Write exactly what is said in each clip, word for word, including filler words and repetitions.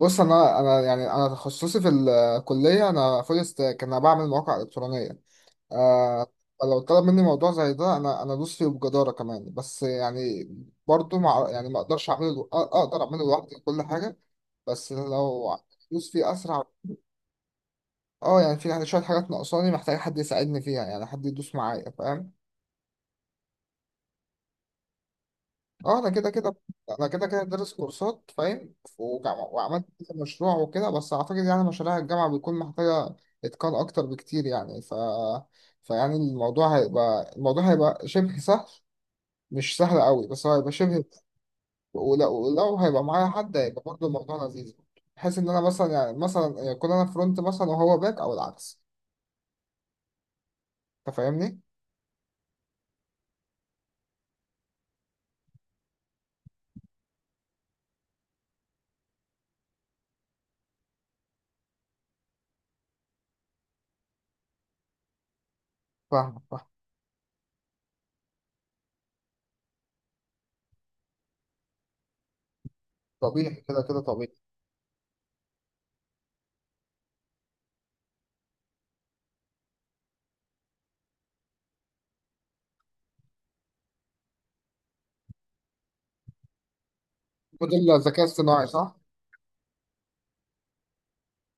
بص، انا انا يعني انا تخصصي في الكليه. انا فول ستاك، انا بعمل مواقع الكترونيه. آه فلو طلب مني موضوع زي ده انا انا ادوس فيه بجداره كمان، بس يعني برضو مع يعني ما اقدرش اعمله لو- أ- اقدر اعمله لوحدي كل حاجه، بس لو ادوس فيه اسرع. اه يعني في يعني شويه حاجات ناقصاني، محتاج حد يساعدني فيها، يعني حد يدوس معايا، فاهم. اه انا كده كده انا كده كده دارس كورسات فاهم وجع- وعملت كذا مشروع وكده، بس اعتقد يعني مشاريع الجامعه بيكون محتاجه اتقان اكتر بكتير. يعني ف فيعني الموضوع هيبقى الموضوع هيبقى شبه سهل، مش سهل قوي، بس هو هيبقى شبه. ولو, ولو هيبقى معايا حد هيبقى برضه الموضوع لذيذ، بحيث ان انا مثلا يعني مثلا يكون انا فرونت مثلا وهو باك او العكس. انت فاهمني؟ فاهم فاهم. طبيعي كده كده طبيعي. الموديل الذكاء اصطناعي صح؟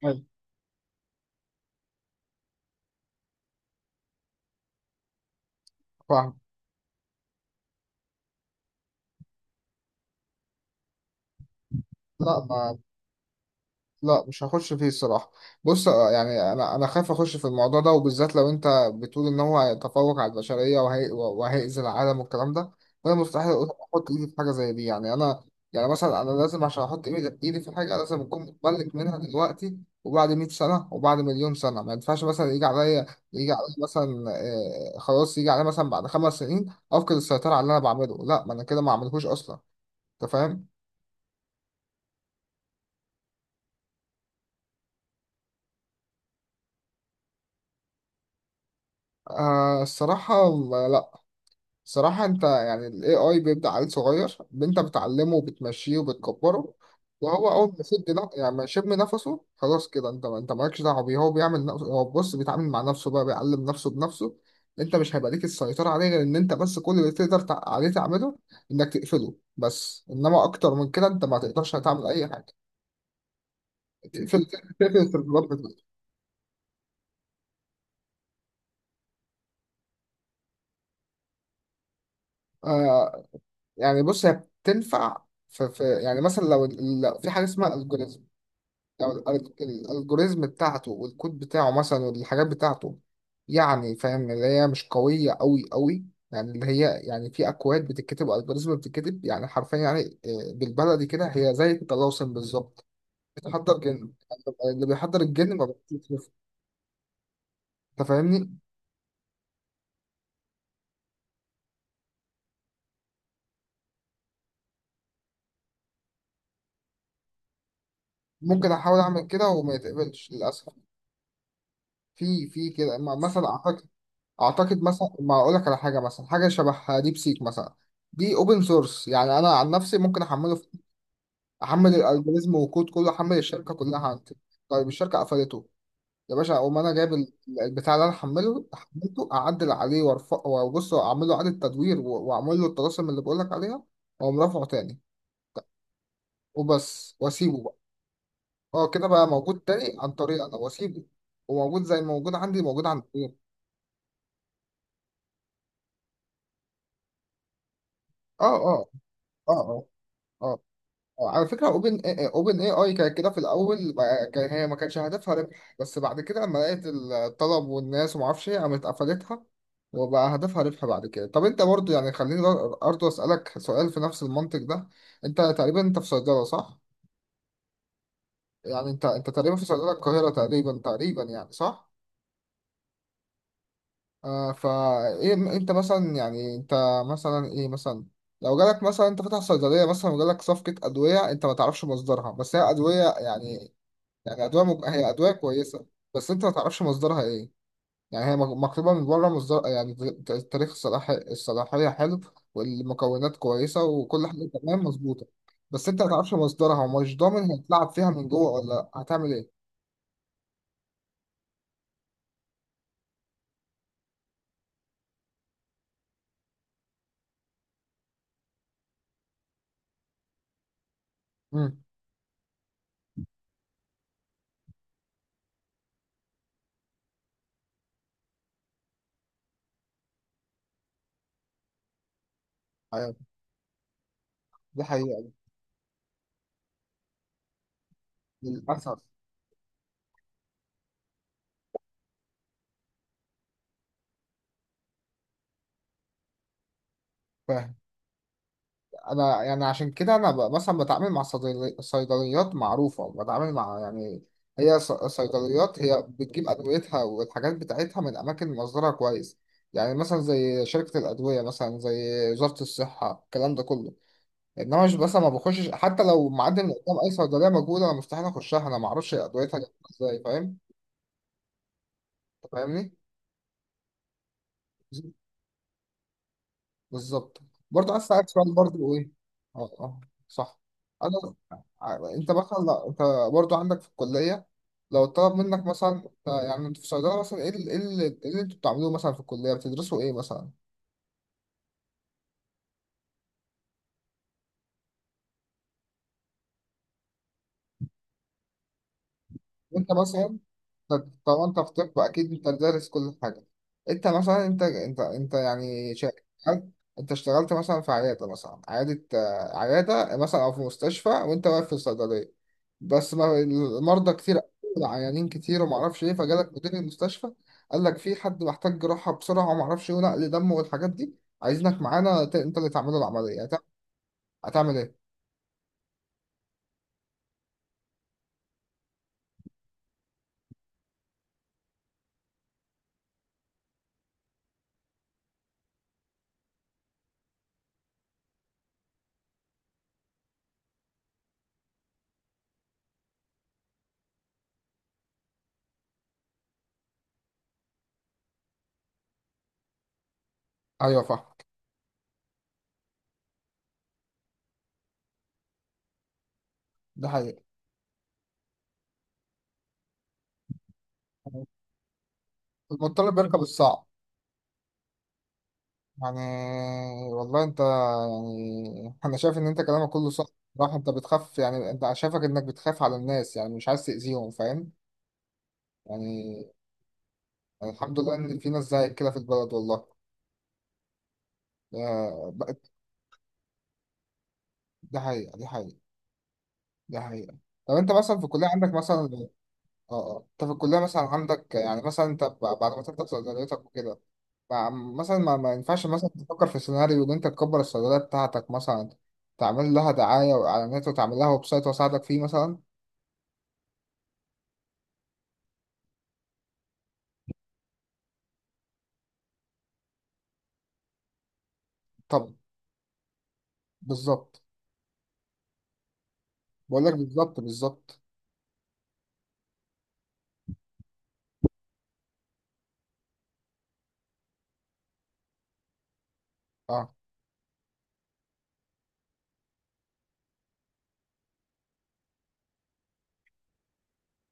أيوة. فاهم. لا ما، لا مش هخش فيه الصراحة. بص، آه، يعني أنا أنا خايف أخش في الموضوع ده، وبالذات لو أنت بتقول إن هو هيتفوق على البشرية وهي... وهيأذي العالم والكلام ده. فأنا مستحيل أقول- أحط إيدي في حاجة زي دي. يعني أنا يعني مثلا أنا لازم عشان أحط إيدي إيدي في حاجة لازم أكون متملك منها دلوقتي. وبعد مية سنة وبعد مليون سنة ما ينفعش مثلا يجي عليا، يجي عليا مثلا، آه، خلاص يجي عليا مثلا بعد خمس سنين أفقد السيطرة على اللي أنا بعمله. لا ما أنا كده ما عملهوش أصلا. أنت فاهم؟ آه الصراحة لا. صراحة انت يعني ال إيه آي بيبدأ عيل صغير، انت بتعلمه وبتمشيه وبتكبره. وهو اول ما يسد نا- يعني ما يشم نفسه، خلاص كده انت انت مالكش دعوة بيه. هو بيعمل نفسه، هو بص بيتعامل مع نفسه بقى، بيعلم نفسه بنفسه. انت مش هيبقى ليك السيطرة عليه، غير ان انت بس كل اللي تقدر تع- عليه تعمله انك تقفله بس. انما اكتر من كده انت ما تقدرش تعمل اي حاجة. تقفل تقفل السيرفرات بتاعته. آه. يعني بص هي بتنفع في في يعني مثلا لو، لو في حاجة اسمها algorithm، ال- ال- الالجوريزم بتاعته والكود بتاعه مثلا والحاجات بتاعته، يعني فاهم اللي هي مش قوية قوي قوي. يعني اللي هي يعني في أكواد بتتكتب والجوريزم بتتكتب، يعني حرفيا يعني، آه، بالبلدي كده هي زي الطلاسم بالظبط، بتحضر جن. آه، اللي بيحضر الجن ما بيكتبش. أنت فاهمني؟ ممكن أحاول أعمل كده وما يتقبلش للأسف. في في كده ما- مثلا أعتقد، أعتقد مثلا ما أقول لك على حاجة، مثلا حاجة شبه ديب سيك مثلا. دي اوبن سورس، يعني انا عن نفسي ممكن احمله، حمل الالجوريزم وكود كله، حمل الشركه كلها عندي. طيب الشركه قفلته، يا باشا اقوم انا جايب ال- البتاع اللي انا حمله حملته، اعدل عليه وارفع وابص واعمل له اعاده تدوير و- واعمل له الطلاسم اللي بقول لك عليها، واقوم رافعه تاني وبس واسيبه بقى. اه كده بقى موجود تاني عن طريق انا، واسيبه، وموجود زي ما موجود عندي موجود عند غيري. اه اه. اه اه. اه. آه، على فكرة اوبن، اوبن اي اي كانت كده في الاول ما- كان هي ما كانش هدفها ربح، بس بعد كده لما لقيت الطلب والناس وما اعرفش ايه قامت قفلتها، وبقى هدفها ربح بعد كده. طب انت برضو يعني خليني برضو اسالك سؤال في نفس المنطق ده. انت تقريبا انت في صيدلة صح؟ يعني انت انت تقريبا في صيدلة القاهرة تقريبا، تقريبا يعني صح. آه، فايه انت مثلا يعني انت مثلا ايه مثلا، لو جالك مثلا، انت فاتح صيدليه مثلا وجالك صفقه ادويه انت ما تعرفش مصدرها، بس هي ادويه يعني، يعني أدوية مج... هي أدوية كويسة، بس أنت ما تعرفش مصدرها إيه. يعني هي مك- مكتوبة من بره مصدر، يعني ت- تاريخ الصلاح... الصلاحية حلو، والمكونات كويسة وكل حاجة تمام مظبوطة، بس أنت ما تعرفش مصدرها، ومش ضامن هتلعب فيها من جوه ولا لأ. هتعمل إيه؟ امم. أيوة. دي حقيقة. للأسف. فاهم. انا يعني عشان كده انا ب- مثلا بتعامل مع صيدلي- صيدليات معروفه، بتعامل مع يعني هي ص- صيدليات هي بتجيب ادويتها والحاجات بتاعتها من اماكن مصدرها كويس. يعني مثلا زي شركه الادويه، مثلا زي وزاره الصحه، الكلام ده كله. انما مش بس ما بخشش حتى لو معدي من قدام اي صيدليه موجوده، انا مستحيل اخشها، انا ما اعرفش ادويتها جايبة ازاي، فاهم. انت فاهمني. بالظبط. برضه عايز اسالك سؤال برضه ايه. اه اه، صح. انا، ع- انت مثلا لو انت برضه عندك في الكليه، لو طلب منك مثلا يعني انت في الصيدله مثلا، ايه ال- ايه ال- إيه اللي انتوا بتعملوه مثلا في الكليه، بتدرسوا ايه مثلا. وانت مثلا، طب طب انت في طب اكيد انت دارس كل حاجه. انت مثلا انت انت انت يعني شا- هل انت اشتغلت مثلا في عياده مثلا، عياده آه، عياده مثلا، او في مستشفى وانت واقف في الصيدليه، بس ما المرضى كتير، العيانين كتير، وما اعرفش ايه، فجالك مدير المستشفى قال لك في حد محتاج جراحه بسرعه وما اعرفش ايه، ونقل دم والحاجات دي، عايزينك معانا ت- انت اللي تعمله العمليه، هت- هتعمل ايه. ايوه فاهمك. ده حقيقي. المضطرب بيركب الصعب يعني. والله انت يعني انا شايف ان انت كلامك كله صح. راح انت بتخاف، يعني انت شايفك انك بتخاف على الناس، يعني مش عايز تأذيهم، فاهم. يعني، يعني الحمد لله ان في ناس زيك كده في البلد، والله. ده، ده حقيقة. دي حقيقة. دي حقيقة. طب انت مثلا في الكلية عندك مثلا، اه اه، انت في الكلية مثلا عندك يعني مثلا انت ب- بعد ما تفتح صيدليتك وكده، مع- مثلا ما, ما ينفعش مثلا تفكر في سيناريو ان انت تكبر الصيدلية بتاعتك مثلا، تعمل لها دعاية وإعلانات وتعمل لها ويب سايت وأساعدك فيه مثلا. طب، بالظبط. بقول لك بالظبط بالظبط. اه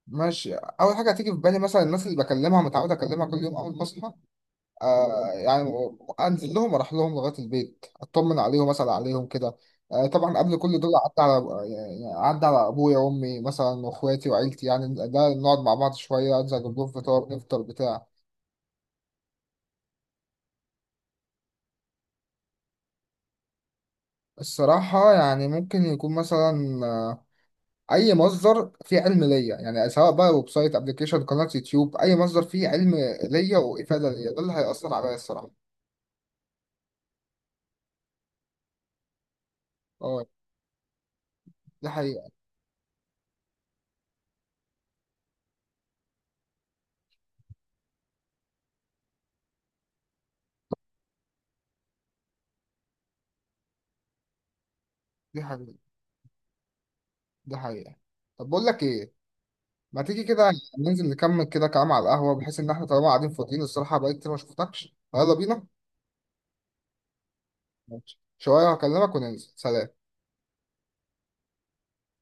ماشي. اول حاجه هتيجي في بالي مثلا الناس اللي بكلمها، متعود اكلمها كل يوم اول ما اصحى، آه يعني، انزل لهم اروح لهم لغايه البيت، اطمن عليهم مثلا، عليهم كده. آه طبعا قبل كل دول عدى على، يعني عدى على ابويا وامي مثلا واخواتي وعيلتي، يعني ده نقعد مع بعض شويه، انزل اجيب لهم فطار نفطر بتاع. الصراحه يعني ممكن يكون مثلا، آه، اي مصدر فيه علم ليا، يعني سواء بقى ويب سايت، ابلكيشن، قناه يوتيوب، اي مصدر فيه علم ليا وافاده ليا ده اللي هيأثر عليا الصراحه. اه. دي حقيقه. دي حقيقه. دي حقيقه. طب بقول لك ايه، ما تيجي كده ننزل نكمل كده كلام على القهوه، بحيث ان احنا طالما قاعدين فاضيين، الصراحه بقالي كتير ما شفتكش، يلا بينا. ماشي، شويه هكلمك وننزل، سلام.